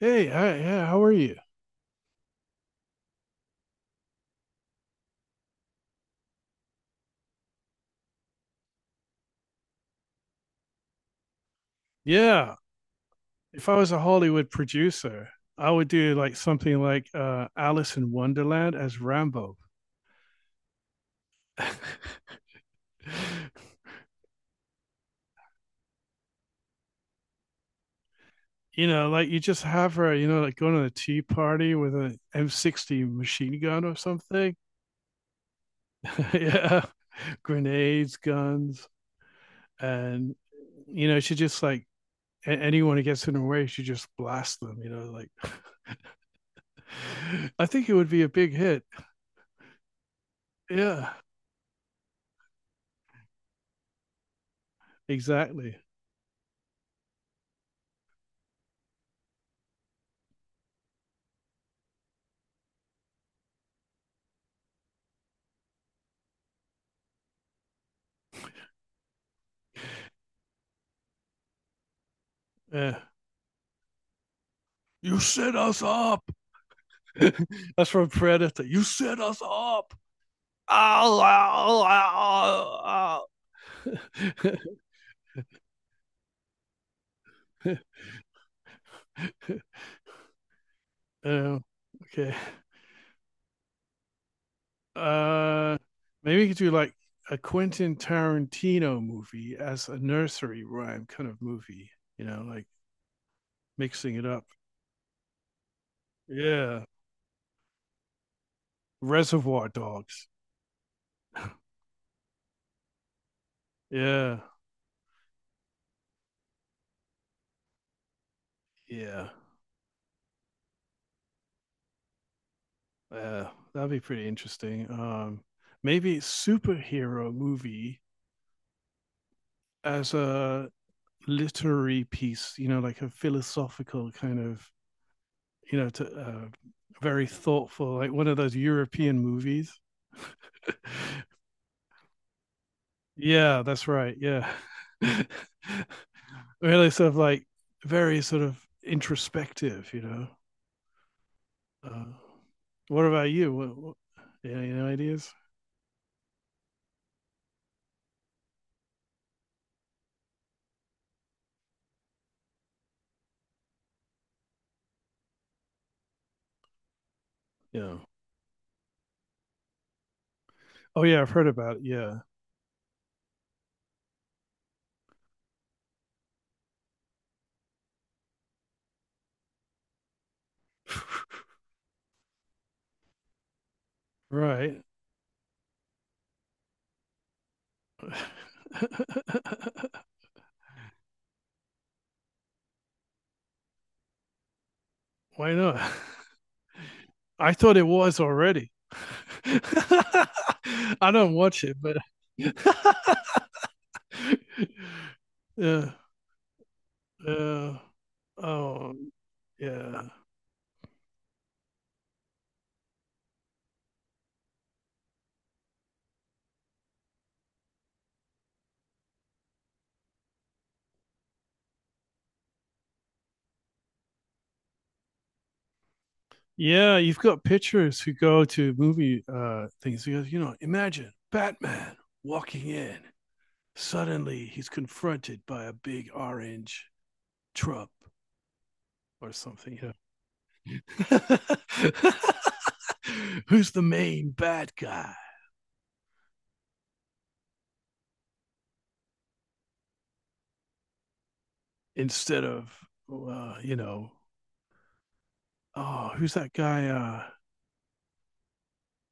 Hey, hi, yeah, how are you? Yeah, if I was a Hollywood producer, I would do like something like Alice in Wonderland as Rambo. You know, like you just have her, you know, like going to a tea party with an M60 machine gun or something. Yeah, grenades, guns, and you know, she just like anyone who gets in her way, she just blasts them. You know, like I think it would be a big hit. Yeah, exactly. Yeah. You set us up. That's from Predator. You set us up. Ow, ow, ow, ow. Oh, okay. Uh, Maybe we could do like a Quentin Tarantino movie as a nursery rhyme kind of movie, you know, like mixing it up. Yeah. Reservoir Dogs. Yeah. Yeah. Yeah. That'd be pretty interesting. Maybe superhero movie as a literary piece, you know, like a philosophical kind of, you know, to, very thoughtful, like one of those European movies. Yeah, that's right. Yeah. Really sort of like very sort of introspective, you know. Uh, what about you? Yeah, any ideas? Yeah. Oh, yeah, I've heard about it. Yeah. Right. Why not? I thought it was already. I don't watch it, but yeah, yeah, oh, yeah, yeah. You've got pictures who go to movie things because you know, imagine Batman walking in. Suddenly, he's confronted by a big orange Trump or something. You know, who's the main bad guy instead of you know, oh, who's that guy?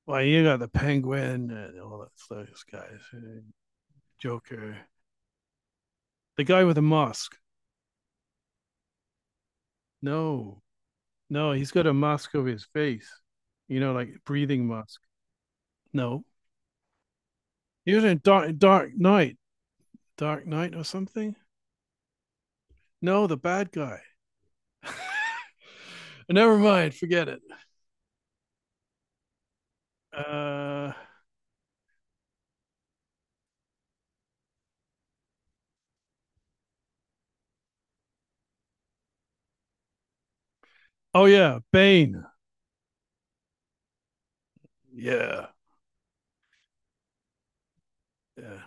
Well, you got the Penguin and all that, those guys, Joker, the guy with the mask. No, No, he's got a mask over his face. You know, like breathing mask. No, he was in Dark Knight, Dark Knight or something. No, the bad guy. Never mind, forget it. Uh, oh yeah, Bane. Yeah, yeah,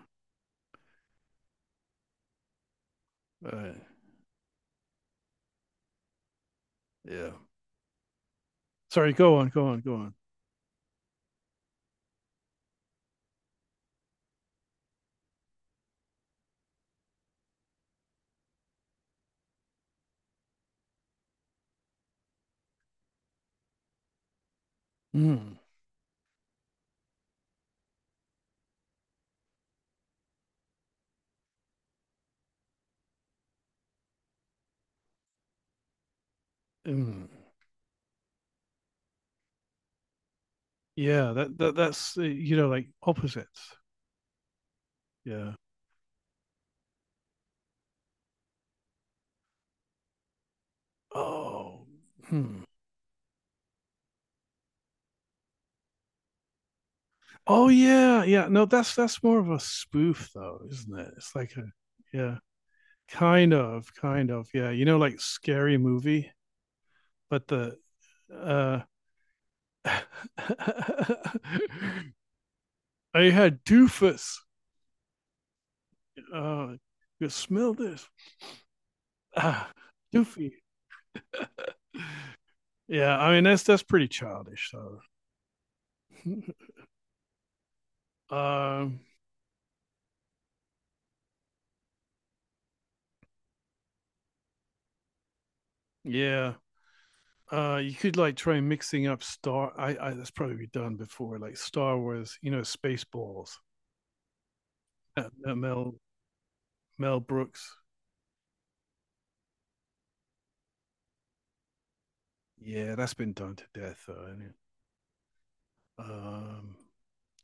all right, yeah. Sorry, go on, go on, go on. Mm, mm. Yeah, that's you know, like opposites. Yeah. Oh. Hmm. Oh yeah, yeah. No, that's more of a spoof though, isn't it? It's like a yeah, kind of, kind of. Yeah, you know, like scary movie, but the uh, I had doofus. Uh, you smell this, ah, doofy. Yeah, I mean that's pretty childish though. um, yeah. You could like try mixing up Star. I that's probably been done before, like Star Wars. You know, Spaceballs. That, Mel Mel Brooks. Yeah, that's been done to death, though. Isn't it? Um,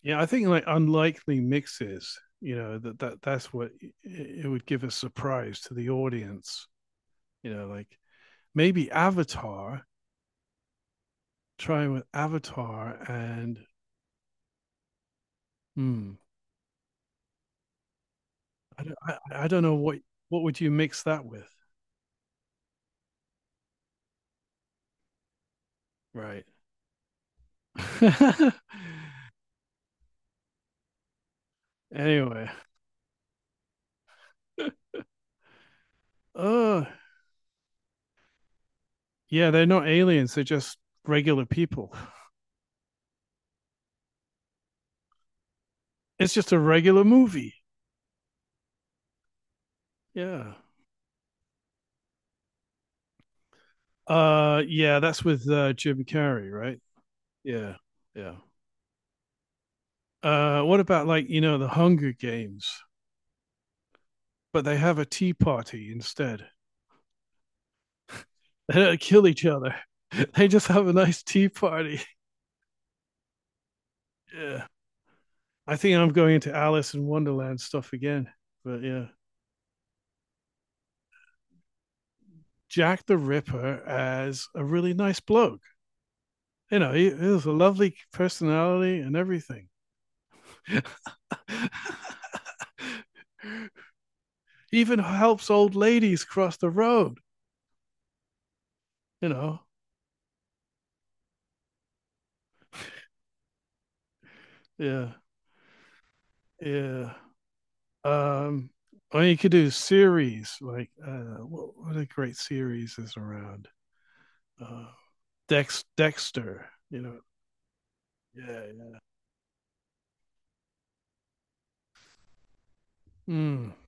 yeah, I think like unlikely mixes. You know that's what it would give a surprise to the audience. You know, like maybe Avatar. Trying with Avatar and hmm, I don't, I don't know what would you mix that with, right? Anyway, uh, yeah, they're not aliens. They're just regular people. It's just a regular movie. Yeah. Yeah, that's with Jim Carrey, right? Yeah, yeah. What about like you know the Hunger Games, but they have a tea party instead. They don't kill each other. They just have a nice tea party. Yeah. I think I'm going into Alice in Wonderland stuff again. But yeah, Jack the Ripper as a really nice bloke, you know, he was a lovely personality and everything. Even helps old ladies cross the road, you know. Yeah, yeah. Um, I mean, you could do series like what a great series is around uh, Dexter, you know. Yeah, yeah. Mm.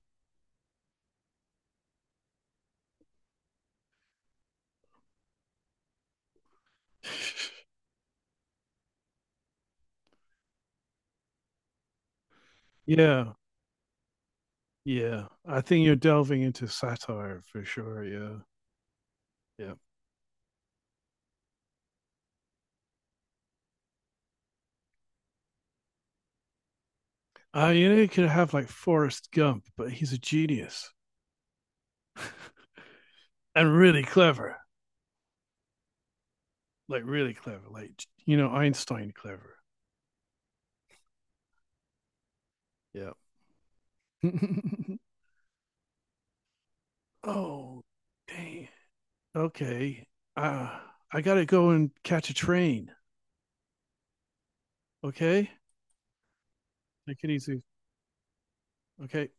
Yeah, yeah. I think you're delving into satire for sure. Yeah, yeah. You know, you could have like Forrest Gump, but he's a genius and really clever, like you know Einstein clever. Yeah. Oh, dang. Okay. Uh, I gotta go and catch a train. Okay. Take it easy. Okay.